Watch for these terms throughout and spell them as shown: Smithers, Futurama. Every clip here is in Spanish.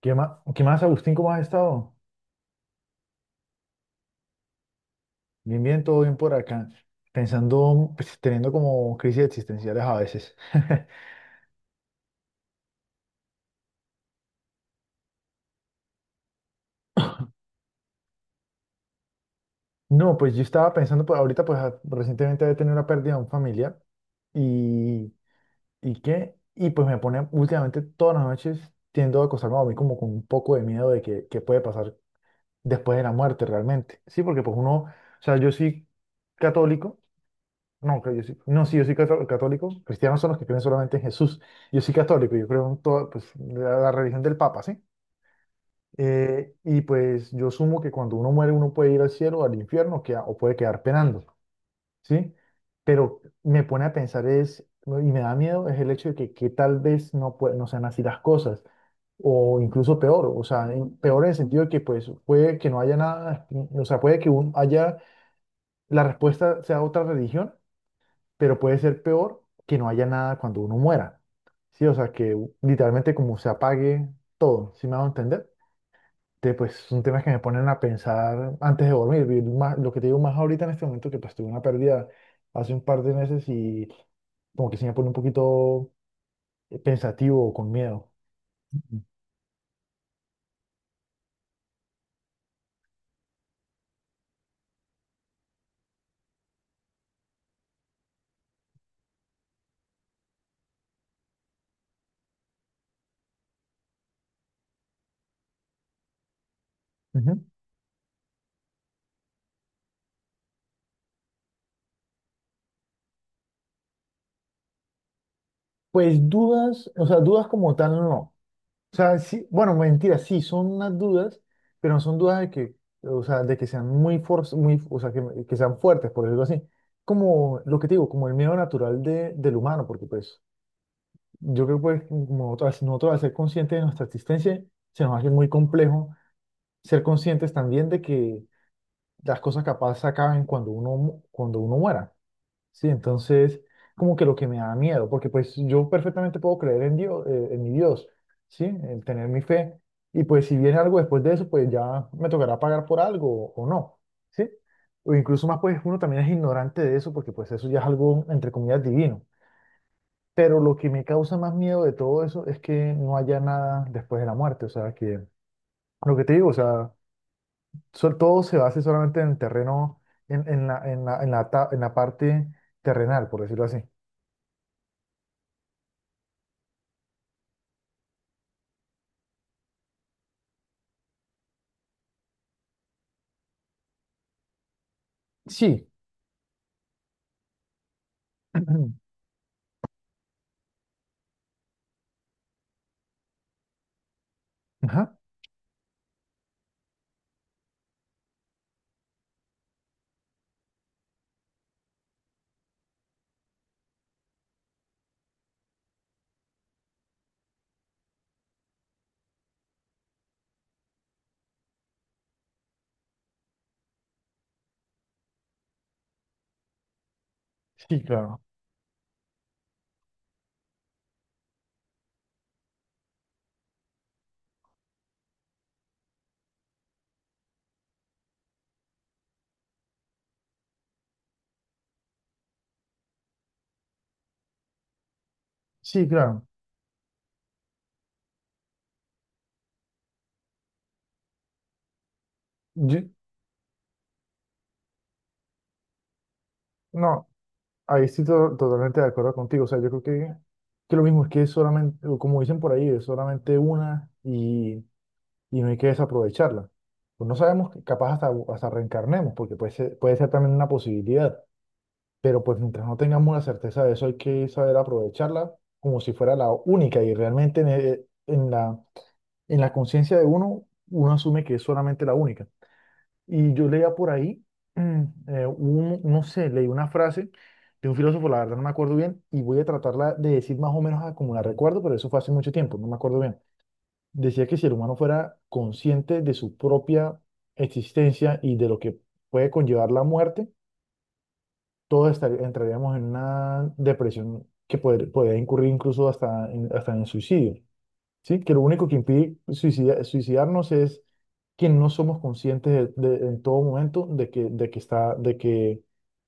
Qué más, Agustín? ¿Cómo has estado? Bien, bien, todo bien por acá. Pensando, pues, teniendo como crisis existenciales a veces. No, pues yo estaba pensando, pues ahorita, pues recientemente había tenido una pérdida de un familiar y, y pues me pone últimamente todas las noches tiendo a acostarme a mí como con un poco de miedo de que puede pasar después de la muerte realmente. Sí, porque pues uno, o sea, yo soy católico. No, creo yo sí, no, sí, yo soy católico. Cristianos son los que creen solamente en Jesús. Yo soy católico, yo creo en toda pues, la religión del Papa, ¿sí? Y pues yo asumo que cuando uno muere uno puede ir al cielo, o al infierno, o puede quedar penando, ¿sí? Pero me pone a pensar es, y me da miedo, es el hecho de que tal vez no sean así las cosas, o incluso peor, o sea, peor en el sentido de que pues puede que no haya nada, o sea, puede que haya, la respuesta sea otra religión, pero puede ser peor que no haya nada cuando uno muera. Sí, o sea, que literalmente como se apague todo, ¿sí me hago entender? Entonces, pues son temas que me ponen a pensar antes de dormir. Lo que te digo más ahorita en este momento, que pues tuve una pérdida hace un par de meses y como que se me pone un poquito pensativo o con miedo. Ujú. Pues dudas, o sea, dudas como tal no. O sea, sí, bueno, mentira, sí, son unas dudas, pero no son dudas de que, o sea, de que sean muy, o sea, que sean fuertes, por decirlo así. Como lo que te digo, como el miedo natural del humano, porque pues yo creo que pues, como nosotros al ser conscientes de nuestra existencia, se nos hace muy complejo ser conscientes también de que las cosas capaz se acaben cuando uno muera. Sí, entonces, como que lo que me da miedo, porque pues yo perfectamente puedo creer en Dios, en mi Dios, ¿sí? En tener mi fe. Y pues si viene algo después de eso, pues ya me tocará pagar por algo o no, ¿sí? O incluso más, pues uno también es ignorante de eso, porque pues eso ya es algo, entre comillas, divino. Pero lo que me causa más miedo de todo eso es que no haya nada después de la muerte, o sea, que lo que te digo, o sea, todo se base solamente en el terreno, en la parte terrenal, por decirlo así. Sí. Ajá. Sí, claro. Sí, claro. Yo- no, ahí estoy totalmente de acuerdo contigo. O sea, yo creo que lo mismo es que es solamente, o como dicen por ahí, es solamente una y no hay que desaprovecharla. Pues no sabemos, que capaz hasta reencarnemos, porque puede ser también una posibilidad. Pero pues mientras no tengamos la certeza de eso, hay que saber aprovecharla como si fuera la única. Y realmente en la conciencia de uno, uno asume que es solamente la única. Y yo leía por ahí, no sé, leí una frase de un filósofo, la verdad no me acuerdo bien, y voy a tratarla de decir más o menos a como la recuerdo, pero eso fue hace mucho tiempo, no me acuerdo bien. Decía que si el humano fuera consciente de su propia existencia y de lo que puede conllevar la muerte, todos entraríamos en una depresión que podría incurrir incluso hasta en, suicidio. Sí, que lo único que impide suicidarnos es que no somos conscientes en todo momento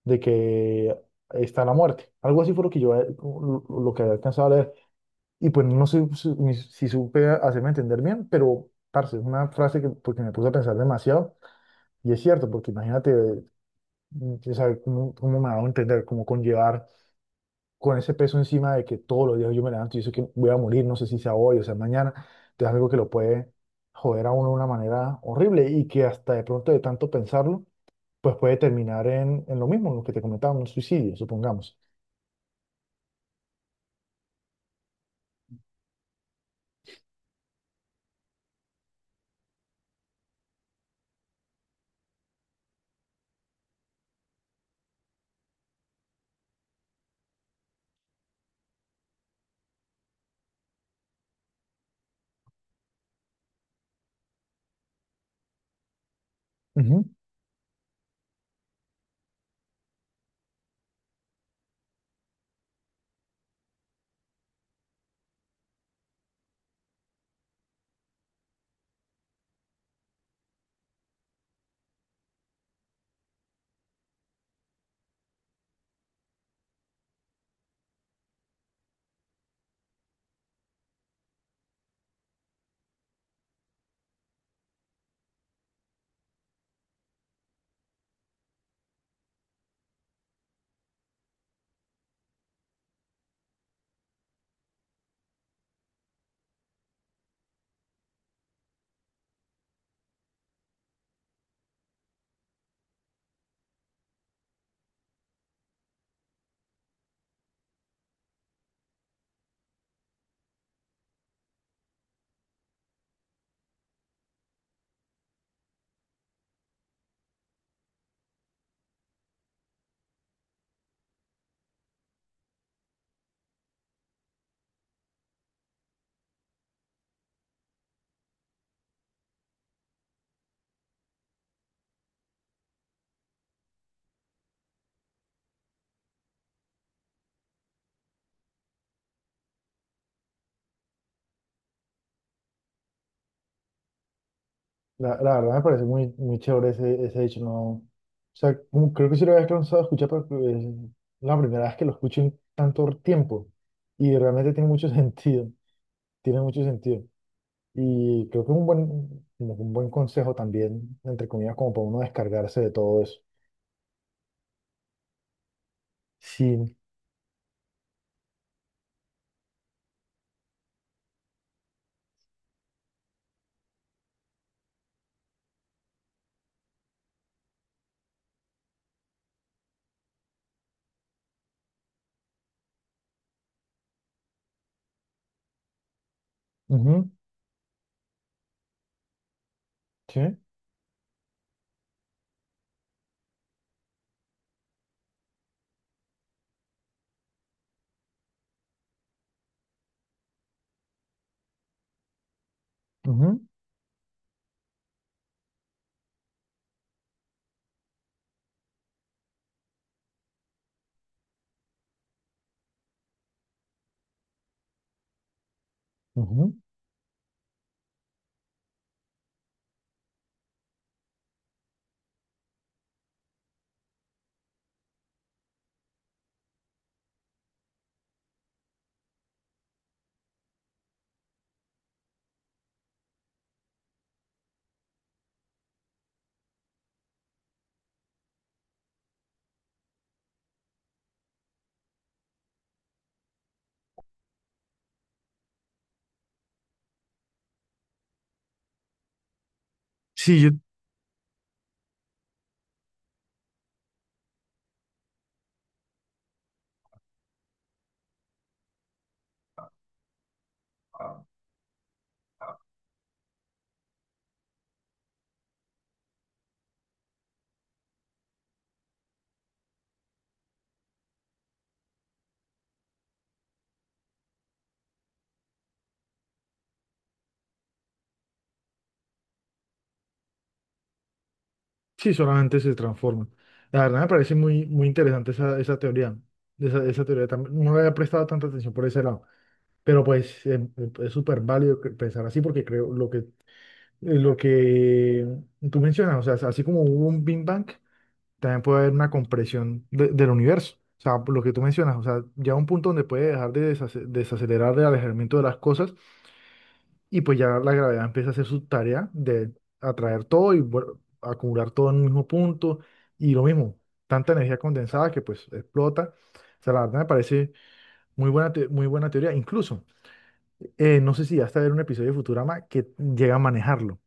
de que está la muerte. Algo así fue lo que lo que había alcanzado a leer. Y pues no sé ni si supe hacerme entender bien, pero, parce, es una frase que porque me puse a pensar demasiado. Y es cierto, porque imagínate, o sea, cómo me ha dado a entender, cómo conllevar con ese peso encima de que todos los días yo me levanto y yo sé que voy a morir, no sé si sea hoy o sea mañana, entonces algo que lo puede joder a uno de una manera horrible y que hasta de pronto de tanto pensarlo, pues puede terminar en lo mismo, en lo que te comentaba, un suicidio, supongamos. Ujú. La verdad me parece muy, muy chévere ese hecho, ¿no? O sea, como creo que sí lo había cansado de escuchar, pero es la primera vez que lo escucho en tanto tiempo y realmente tiene mucho sentido, tiene mucho sentido. Y creo que es un buen, como que un buen consejo también, entre comillas, como para uno descargarse de todo eso. Sí, ujú, sí, ujú, ujú. Sí, sí, solamente se transforma. La verdad me parece muy, muy interesante esa teoría. Esa teoría también, no le había prestado tanta atención por ese lado. Pero pues es súper válido pensar así porque creo lo que, lo que tú mencionas, o sea, así como hubo un Big Bang, también puede haber una compresión del universo. O sea, por lo que tú mencionas, o sea, ya un punto donde puede dejar de desacelerar el alejamiento de las cosas y pues ya la gravedad empieza a hacer su tarea de atraer todo y acumular todo en un mismo punto y lo mismo, tanta energía condensada que pues explota. O sea, la verdad me parece muy buena teoría. Incluso, no sé si hasta ver un episodio de Futurama que llega a manejarlo,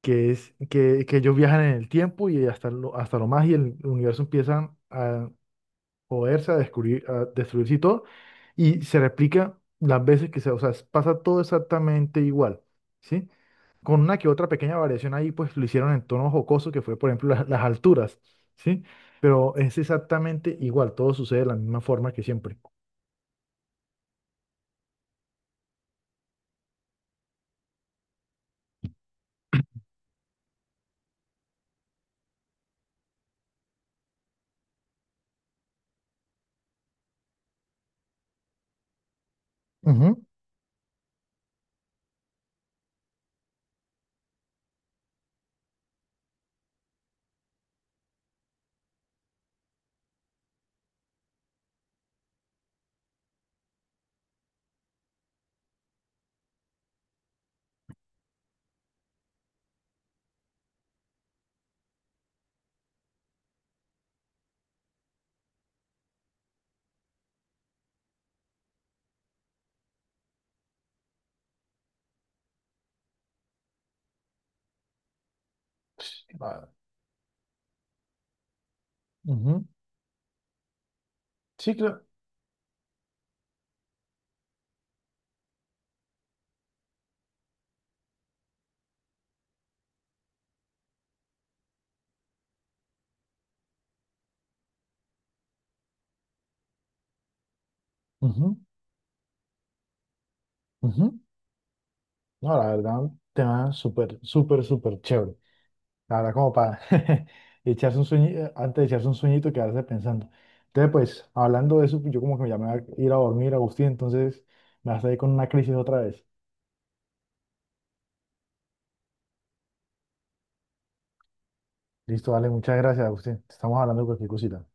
que es que ellos viajan en el tiempo y hasta lo más y el universo empieza a joderse, a descubrir, a destruirse y todo, y se replica las veces que se, o sea, pasa todo exactamente igual, ¿sí? Con una que otra pequeña variación ahí, pues lo hicieron en tono jocoso, que fue, por ejemplo, las alturas, ¿sí? Pero es exactamente igual, todo sucede de la misma forma que siempre. Ujú. Sí. Ujú. Sí, claro. Ujú, ujú. No, la verdad, tema súper, súper, súper chévere. La verdad, como para echarse un sueño, antes de echarse un sueñito, quedarse pensando. Entonces, pues, hablando de eso, pues, yo como que ya me voy a ir a dormir, Agustín, entonces me vas a ir con una crisis otra vez. Listo, dale, muchas gracias, Agustín. Estamos hablando de cualquier cosita.